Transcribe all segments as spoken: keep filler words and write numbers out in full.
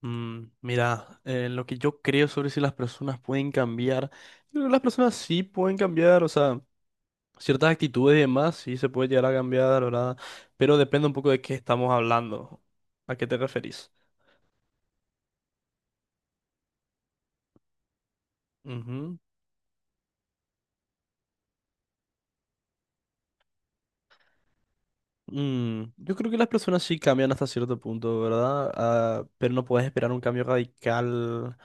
Mm, mira, eh, lo que yo creo sobre si las personas pueden cambiar, yo creo que las personas sí pueden cambiar, o sea, ciertas actitudes y demás sí se puede llegar a cambiar, ¿verdad? Pero depende un poco de qué estamos hablando, a qué te referís. Ujú. Mm, yo creo que las personas sí cambian hasta cierto punto, ¿verdad? Ah, pero no puedes esperar un cambio radical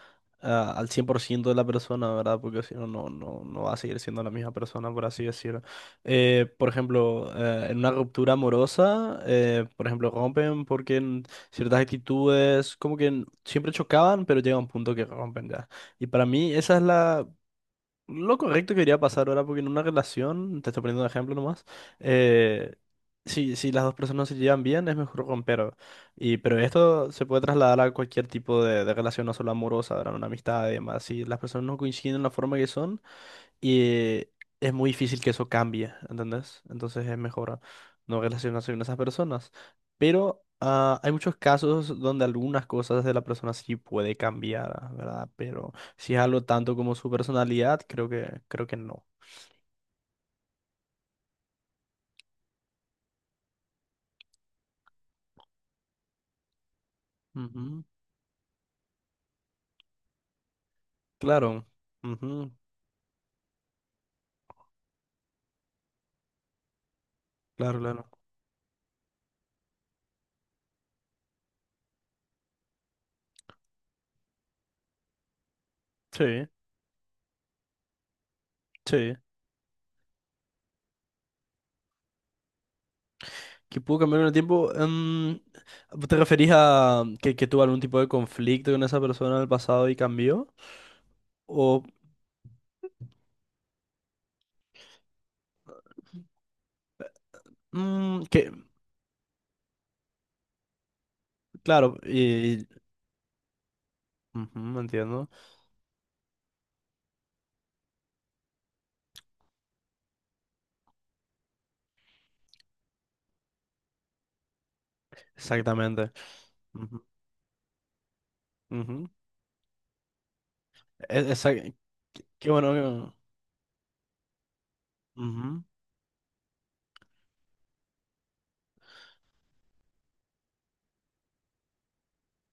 ah, al cien por ciento de la persona, ¿verdad? Porque si no, no, no, no va a seguir siendo la misma persona, por así decirlo. Eh, por ejemplo, eh, en una ruptura amorosa, eh, por ejemplo, rompen porque en ciertas actitudes como que n- siempre chocaban, pero llega un punto que rompen ya. Y para mí esa es la lo correcto que iría a pasar ahora, porque en una relación, te estoy poniendo un ejemplo nomás, eh, si, si las dos personas se llevan bien, es mejor romper. Y, pero esto se puede trasladar a cualquier tipo de, de relación, no solo amorosa, ¿verdad? Una amistad y demás. Si las personas no coinciden en la forma que son, y eh, es muy difícil que eso cambie, ¿entendés? Entonces es mejor no relacionarse con esas personas. Pero ah, hay muchos casos donde algunas cosas de la persona sí puede cambiar, ¿verdad? Pero si es algo tanto como su personalidad, creo que, creo que no. Ujú. Claro. Ujú. Claro, claro. Sí, sí. Que pudo cambiar en el tiempo. Em, ¿te referís a que, que tuvo algún tipo de conflicto con esa persona en el pasado y cambió? O. Mm, que, claro. Ujú, entiendo. Exactamente. Ujú, ujú. E- esa- Qué bueno que. Ujú,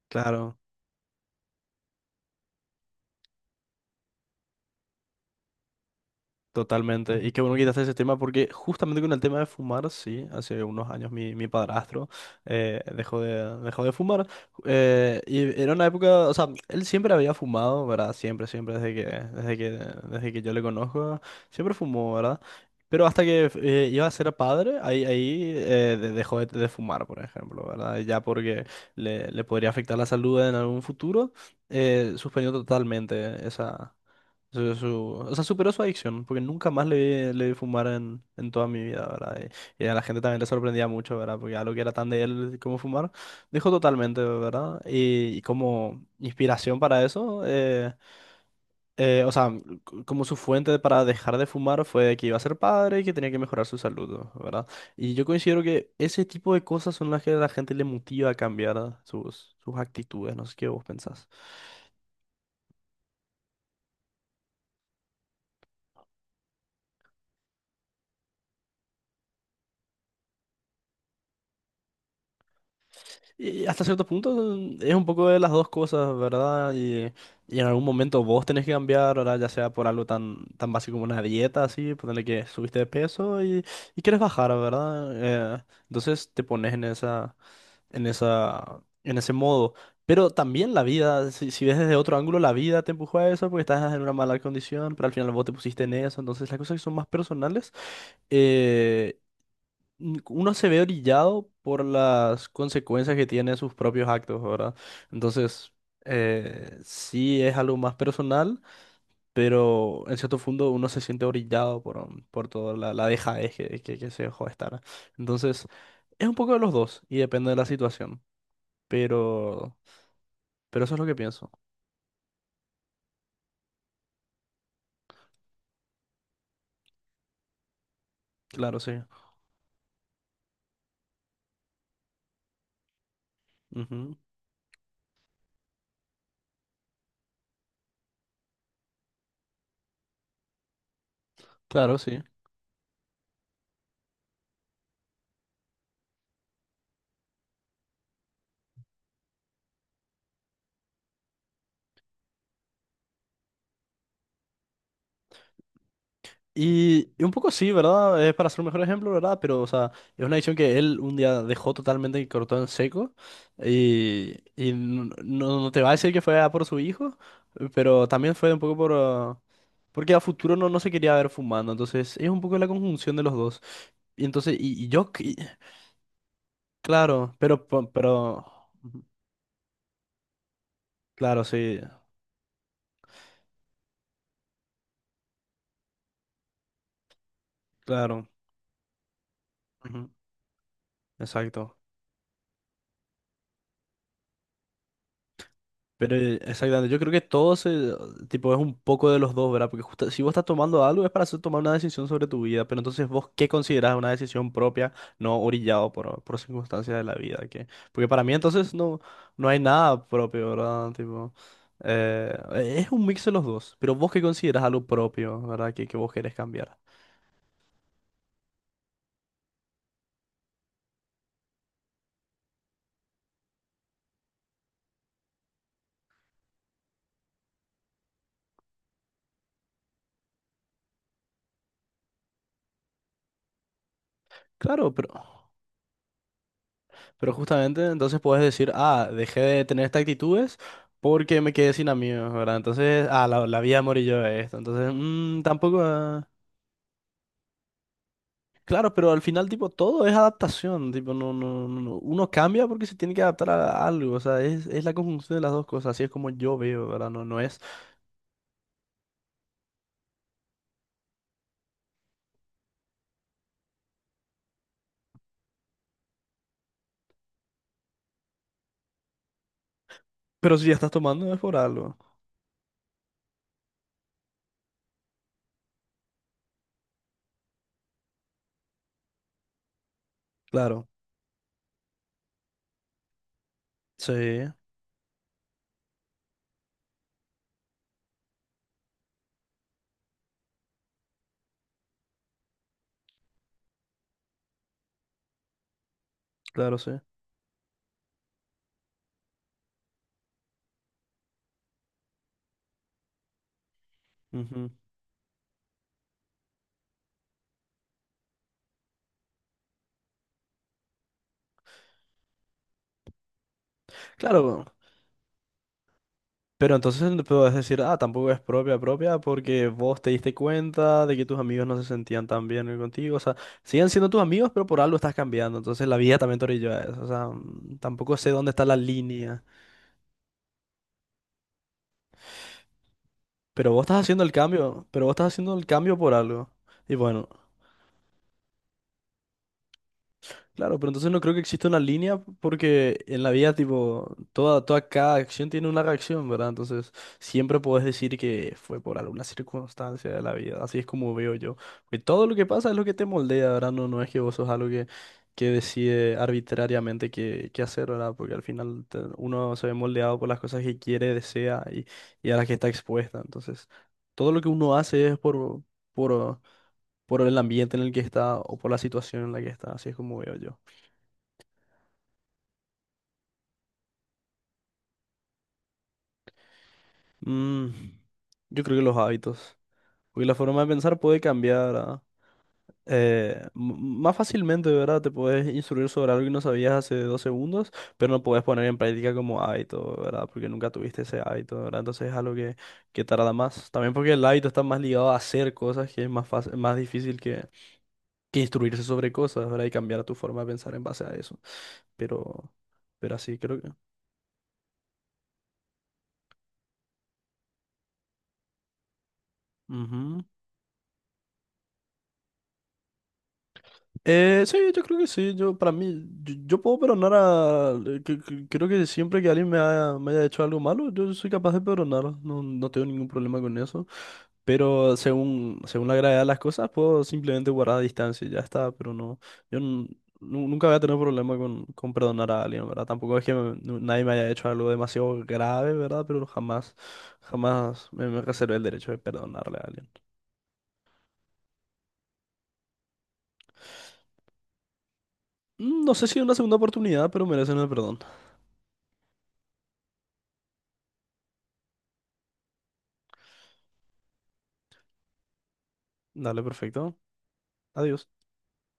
claro. Totalmente. Y qué bueno que quitaste ese tema porque justamente con el tema de fumar, sí, hace unos años mi, mi padrastro eh, dejó de, dejó de fumar. Eh, y era una época, o sea, él siempre había fumado, ¿verdad? Siempre, siempre, desde que, desde que, desde que yo le conozco, siempre fumó, ¿verdad? Pero hasta que eh, iba a ser padre, ahí, ahí eh, de- dejó de, de fumar, por ejemplo, ¿verdad? Ya porque le, le podría afectar la salud en algún futuro, eh, suspendió totalmente esa. Su- su- o sea, superó su adicción, porque nunca más le, le vi fumar en, en toda mi vida, ¿verdad? Y, y a la gente también le sorprendía mucho, ¿verdad? Porque algo que era tan de él como fumar, dejó totalmente, ¿verdad? Y, y como inspiración para eso, eh, eh, o sea, c- como su fuente para dejar de fumar fue que iba a ser padre y que tenía que mejorar su salud, ¿verdad? Y yo considero que ese tipo de cosas son las que a la gente le motiva a cambiar sus, sus actitudes, no sé qué vos pensás. Y hasta cierto punto es un poco de las dos cosas, ¿verdad? Y, y en algún momento vos tenés que cambiar, ¿verdad? Ya sea por algo tan, tan básico como una dieta, así, ponerle que subiste de peso y, y quieres bajar, ¿verdad? Eh, entonces te pones en esa, en esa, en ese modo. Pero también la vida, si, si ves desde otro ángulo, la vida te empujó a eso porque estás en una mala condición, pero al final vos te pusiste en eso. Entonces las cosas que son más personales. eh, mm, Uno se ve orillado por las consecuencias que tiene sus propios actos, ¿verdad? Entonces, eh, sí es algo más personal, pero en cierto fondo uno se siente orillado por, um, por toda la, la dejadez que, que, que se dejó de estar. Entonces, es un poco de los dos y depende de la situación, pero, pero eso es lo que pienso. Claro, sí. Ujú. Claro, sí. Y, y un poco sí, ¿verdad? Es para ser un mejor ejemplo, ¿verdad? Pero, o sea, es una decisión que él un día dejó totalmente y cortó en seco. Y, y no, no- no te va a decir que fue a por su hijo, pero también fue un poco por, ah, porque a futuro no, no se quería ver fumando. Entonces, es un poco la conjunción de los dos. Y entonces, y, y yo, que-. Claro. Pero, po- pero. Ujú. Claro, sí. Claro. Ujú. Exacto. Pero eh, exactamente, yo creo que todo se, tipo, es un poco de los dos, ¿verdad? Porque justa- si vos estás tomando algo es para hacer- tomar una decisión sobre tu vida, pero entonces vos qué considerás una decisión propia, no orillado por, por circunstancias de la vida, ¿qué? Porque para mí entonces no, no hay nada propio, ¿verdad? Tipo, eh, es un mix de los dos, pero vos qué considerás algo propio, ¿verdad? Que, que vos querés cambiar. Claro, pero. Pero justamente entonces puedes decir, ah, dejé de tener estas actitudes porque me quedé sin amigos, ¿verdad? Entonces, ah, la, la vida morí yo de esto. Entonces, mm, tampoco. Ah. Claro, pero al final, tipo, todo es adaptación. Tipo, no, no, no, no. Uno cambia porque se tiene que adaptar a algo. O sea, es, es la conjunción de las dos cosas. Así es como yo veo, ¿verdad? No, no es. Pero si ya estás tomando es por algo. Claro. Sí, claro, sí. Ujú. Claro. Pero entonces no puedes decir, ah, tampoco es propia propia porque vos te diste cuenta de que tus amigos no se sentían tan bien contigo. O sea, siguen siendo tus amigos, pero por algo estás cambiando. Entonces la vida también te orilló a eso. O sea, mm, tampoco sé dónde está la línea. Pero vos estás haciendo el cambio, pero vos estás haciendo el cambio por algo. Y bueno. Claro, pero entonces no creo que exista una línea porque en la vida, tipo, toda, toda cada acción tiene una reacción, ¿verdad? Entonces, siempre puedes decir que fue por alguna circunstancia de la vida. Así es como veo yo. Que todo lo que pasa es lo que te moldea, ¿verdad? No, no es que vos sos algo que, que decide arbitrariamente qué, qué hacer, ¿verdad? Porque al final te- uno se ve moldeado por las cosas que quiere, desea y, y a las que está expuesta. Entonces, todo lo que uno hace es por, por, por el ambiente en el que está o por la situación en la que está. Así es como veo yo. Mm, yo creo que los hábitos. Porque la forma de pensar puede cambiar ah, eh, m- más fácilmente, ¿verdad? Te puedes instruir sobre algo que no sabías hace dos segundos, pero no puedes poner en práctica como hábito, ¿verdad? Porque nunca tuviste ese hábito, ¿verdad? Entonces es algo que, que tarda más. También porque el hábito está más ligado a hacer cosas, que es más fácil, más difícil que, que instruirse sobre cosas, ¿verdad? Y cambiar tu forma de pensar en base a eso. Pero, pero así creo que. Ujú. Eh, sí, yo creo que sí. Yo, para mí, yo, yo puedo perdonar a. Eh, que- que- creo que siempre que alguien me haya, me haya hecho algo malo, yo soy capaz de perdonar. No, no tengo ningún problema con eso. Pero según, según la gravedad de las cosas, puedo simplemente guardar distancia y ya está. Pero no, yo nun- nu- nunca voy a tener problema con, con perdonar a alguien, ¿verdad? Tampoco es que me- nu- nadie me haya hecho algo demasiado grave, ¿verdad? Pero jamás, jamás me, me reservé el derecho de perdonarle a alguien. Mm, No sé si una segunda oportunidad, pero merecen el perdón. Dale, perfecto. Adiós.